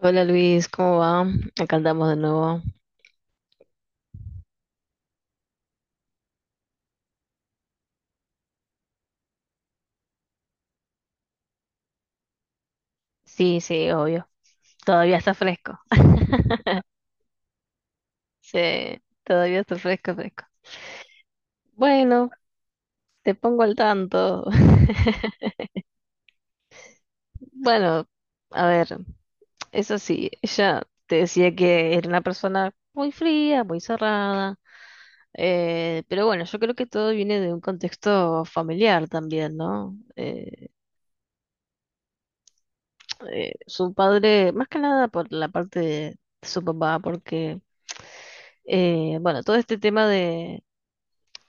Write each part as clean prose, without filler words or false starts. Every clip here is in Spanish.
Hola Luis, ¿cómo va? Acá andamos de nuevo. Sí, sí, obvio. Todavía está fresco. Sí, todavía está fresco, fresco. Bueno, te pongo al tanto. Bueno, a ver, eso sí, ella te decía que era una persona muy fría, muy cerrada. Pero bueno, yo creo que todo viene de un contexto familiar también, ¿no? Su padre, más que nada por la parte de su papá, porque bueno, todo este tema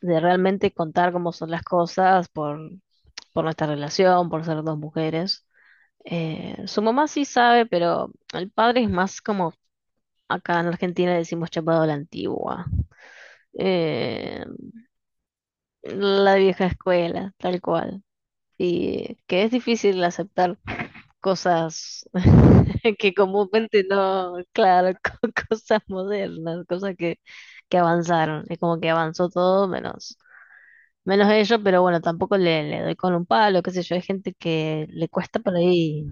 de realmente contar cómo son las cosas por nuestra relación, por ser dos mujeres. Su mamá sí sabe, pero el padre es más como acá en Argentina decimos chapado a la antigua. Eh, la vieja escuela, tal cual. Y que es difícil aceptar cosas que comúnmente no, claro, cosas modernas, que avanzaron. Es como que avanzó todo menos, menos ello, pero bueno, tampoco le doy con un palo, qué sé yo, hay gente que le cuesta por ahí.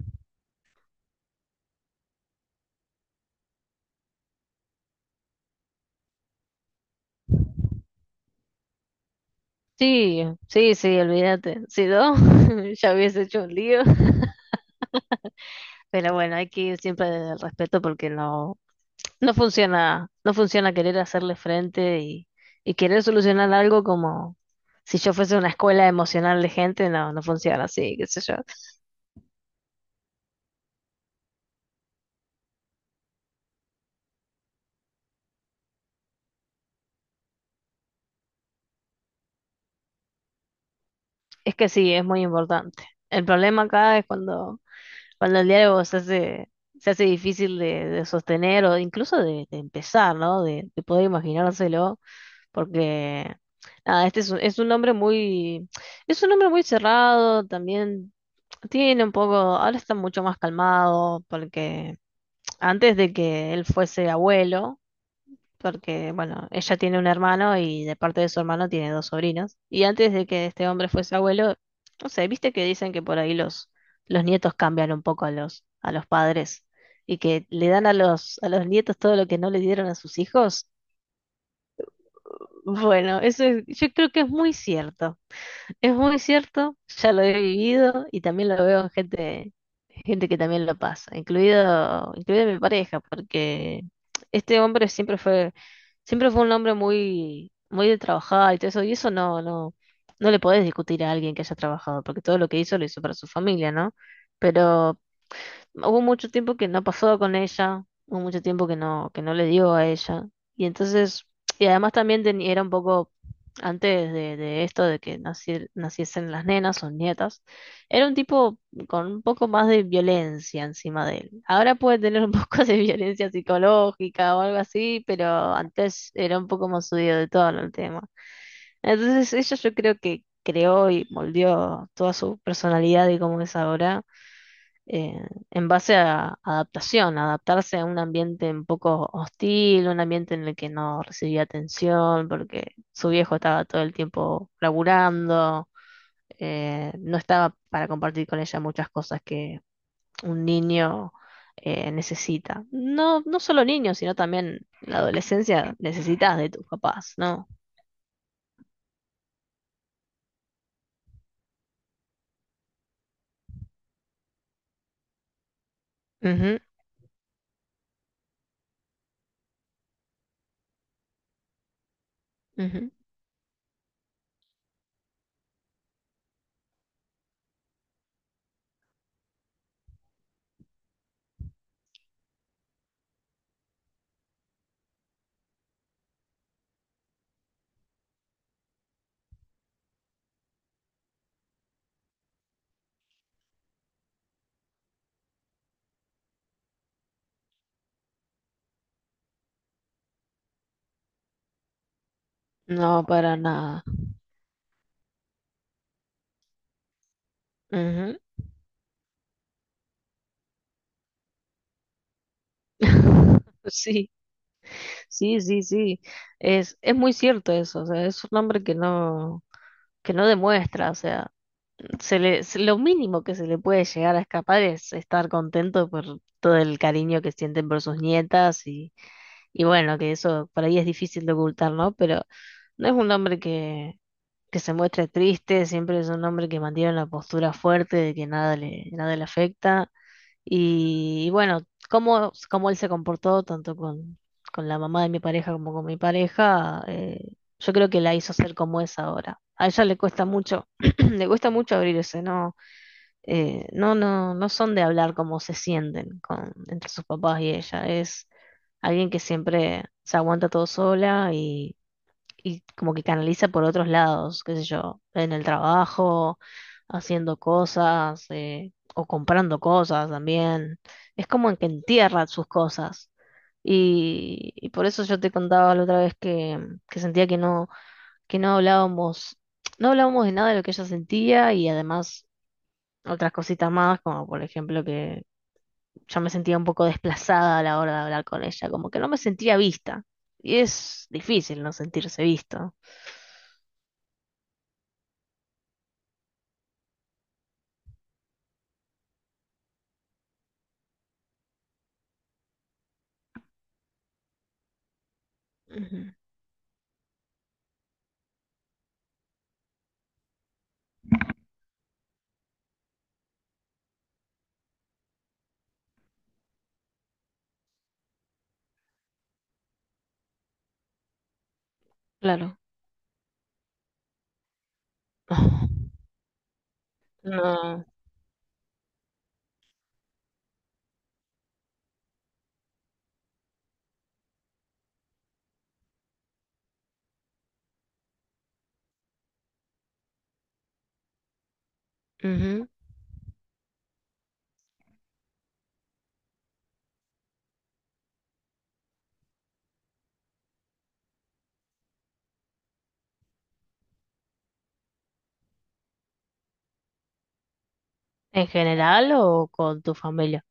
Sí, sí, sí, olvídate. Si no, ya hubiese hecho un lío. Pero bueno, hay que ir siempre desde el respeto porque no, No funciona, no funciona querer hacerle frente y querer solucionar algo como si yo fuese una escuela emocional de gente, no, no funciona así, qué sé yo. Es que sí, es muy importante. El problema acá es cuando el diálogo se hace difícil de sostener o incluso de empezar, ¿no? De poder imaginárselo, porque nada, es un hombre muy, es un hombre muy cerrado, también tiene un poco, ahora está mucho más calmado porque antes de que él fuese abuelo, porque, bueno, ella tiene un hermano y de parte de su hermano tiene dos sobrinos. Y antes de que este hombre fuese abuelo, no sé, viste que dicen que por ahí los nietos cambian un poco a a los padres y que le dan a a los nietos todo lo que no le dieron a sus hijos. Bueno, yo creo que es muy cierto. Es muy cierto, ya lo he vivido y también lo veo en gente, gente que también lo pasa, incluido mi pareja, porque este hombre siempre fue un hombre muy, muy de trabajar y todo eso, y eso no, no, no le podés discutir a alguien que haya trabajado, porque todo lo que hizo lo hizo para su familia, ¿no? Pero hubo mucho tiempo que no pasó con ella, hubo mucho tiempo que no le dio a ella. Y entonces, y además también era un poco, antes de esto de que naciesen las nenas o nietas, era un tipo con un poco más de violencia encima de él. Ahora puede tener un poco de violencia psicológica o algo así, pero antes era un poco más subido de tono el tema. Entonces, ella yo creo que creó y moldeó toda su personalidad y cómo es ahora en base a adaptación, adaptarse a un ambiente un poco hostil, un ambiente en el que no recibía atención, porque su viejo estaba todo el tiempo laburando, no estaba para compartir con ella muchas cosas que un niño necesita. No, no solo niños, sino también en la adolescencia necesitas de tus papás, ¿no? Ujú, ujú. No, para nada. Ujú. Sí. Sí, sí, sí. Es muy cierto eso. O sea, es un hombre que no demuestra. O sea, lo mínimo que se le puede llegar a escapar es estar contento por todo el cariño que sienten por sus nietas y bueno, que eso por ahí es difícil de ocultar, ¿no? Pero no es un hombre que se muestre triste, siempre es un hombre que mantiene una postura fuerte de que nada le, nada le afecta. Y bueno, cómo él se comportó tanto con la mamá de mi pareja como con mi pareja, yo creo que la hizo ser como es ahora. A ella le cuesta mucho, le cuesta mucho abrirse, no, no son de hablar cómo se sienten con, entre sus papás y ella. Es alguien que siempre se aguanta todo sola y como que canaliza por otros lados, qué sé yo, en el trabajo, haciendo cosas, o comprando cosas también. Es como en que entierra sus cosas. Y por eso yo te contaba la otra vez que sentía que no hablábamos, no hablábamos de nada de lo que ella sentía y además otras cositas más, como por ejemplo que yo me sentía un poco desplazada a la hora de hablar con ella, como que no me sentía vista. Y es difícil no sentirse visto. Ujú. Claro. Oh. No. Ujú. ¿En general o con tu familia?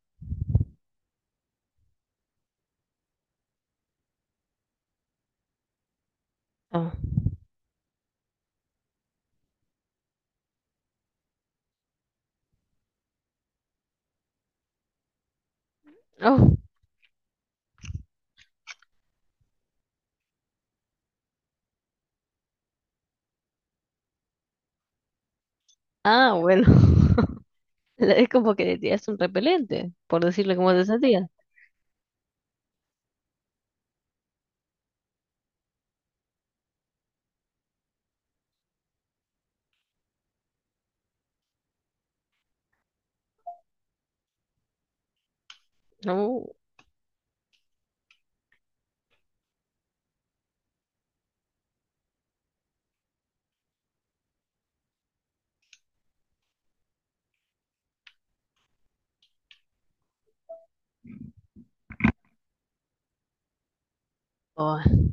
Ah. Oh, ah, bueno. Es como que te tiras un repelente, por decirle cómo te sentías. No. Oh,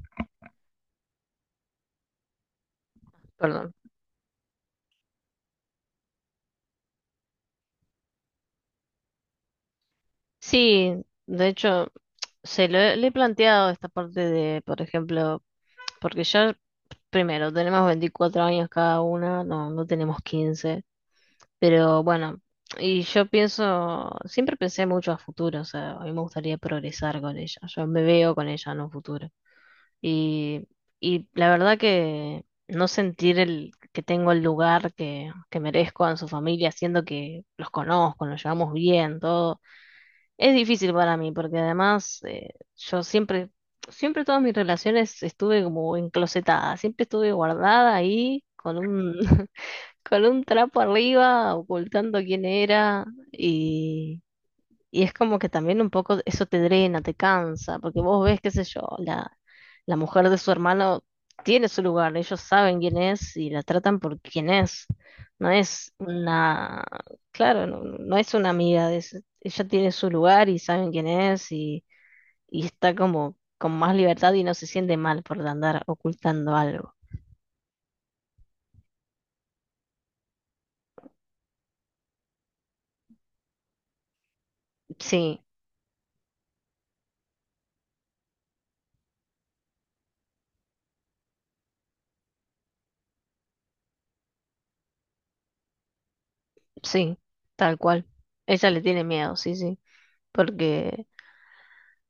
perdón. Sí, de hecho, le he planteado esta parte de, por ejemplo, porque ya, primero, tenemos 24 años cada una, no, no tenemos 15. Pero bueno, y yo pienso, siempre pensé mucho a futuro, o sea, a mí me gustaría progresar con ella, yo me veo con ella en un futuro. Y, y la verdad que no sentir el, que tengo el lugar que merezco en su familia, siendo que los conozco, nos llevamos bien, todo, es difícil para mí, porque además yo siempre, siempre todas mis relaciones estuve como enclosetada, siempre estuve guardada ahí con un... con un trapo arriba, ocultando quién era, y, y es como que también un poco eso te drena, te cansa, porque vos ves, qué sé yo, la mujer de su hermano tiene su lugar, ellos saben quién es y la tratan por quién es. No es una, claro, no, no es una amiga, ella tiene su lugar y saben quién es y está como con más libertad y no se siente mal por andar ocultando algo. Sí. Sí, tal cual. Ella le tiene miedo, sí, sí. Porque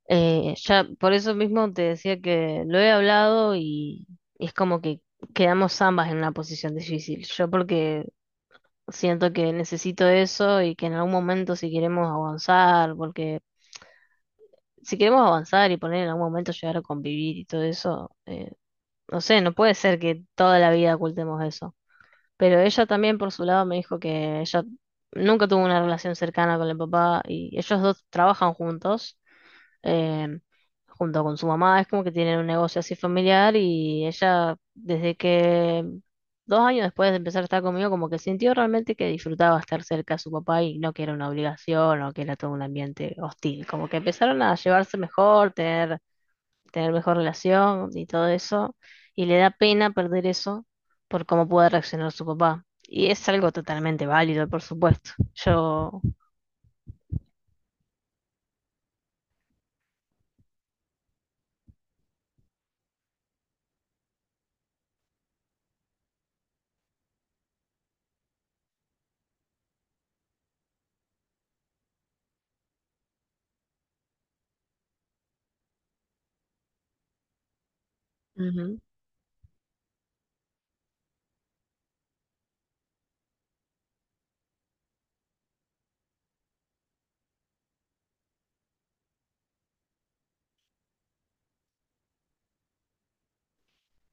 ya por eso mismo te decía que lo he hablado y es como que quedamos ambas en una posición difícil. Yo porque siento que necesito eso y que en algún momento si queremos avanzar, porque si queremos avanzar y poner en algún momento llegar a convivir y todo eso, no sé, no puede ser que toda la vida ocultemos eso. Pero ella también por su lado me dijo que ella nunca tuvo una relación cercana con el papá y ellos dos trabajan juntos, eh, junto con su mamá, es como que tienen un negocio así familiar y ella desde que 2 años después de empezar a estar conmigo como que sintió realmente que disfrutaba estar cerca de su papá y no que era una obligación o que era todo un ambiente hostil, como que empezaron a llevarse mejor, tener mejor relación y todo eso, y le da pena perder eso por cómo puede reaccionar su papá. Y es algo totalmente válido, por supuesto. Yo, ujú.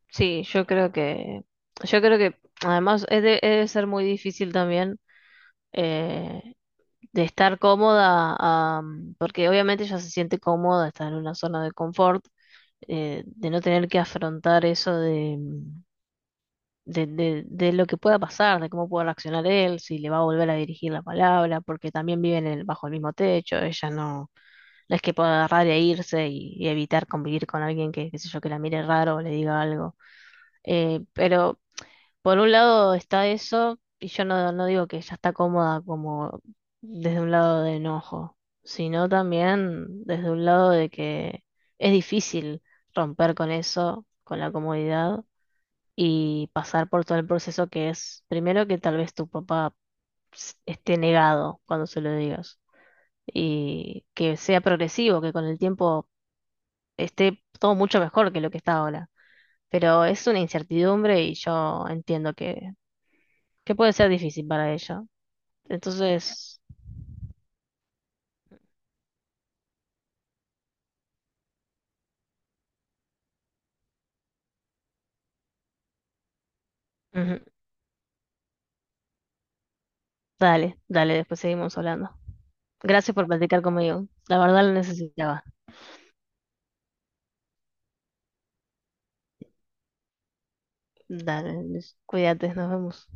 Sí, yo creo que además debe ser muy difícil también. eh, de estar cómoda, porque obviamente ella se siente cómoda, está en una zona de confort, de no tener que afrontar eso de, mm, de lo que pueda pasar, de cómo pueda reaccionar él, si le va a volver a dirigir la palabra, porque también bajo el mismo techo, ella no, no es que pueda agarrar e irse y evitar convivir con alguien que, qué sé yo, que la mire raro o le diga algo. Pero por un lado está eso, y yo no, no digo que ella está cómoda como desde un lado de enojo, sino también desde un lado de que es difícil romper con eso, con la comodidad, y pasar por todo el proceso que es, primero que tal vez tu papá esté negado cuando se lo digas, y que sea progresivo, que con el tiempo esté todo mucho mejor que lo que está ahora. Pero es una incertidumbre y yo entiendo que puede ser difícil para ella. Entonces, ujú. Dale, dale, después seguimos hablando. Gracias por platicar conmigo. La verdad lo necesitaba. Dale, cuídate, nos vemos.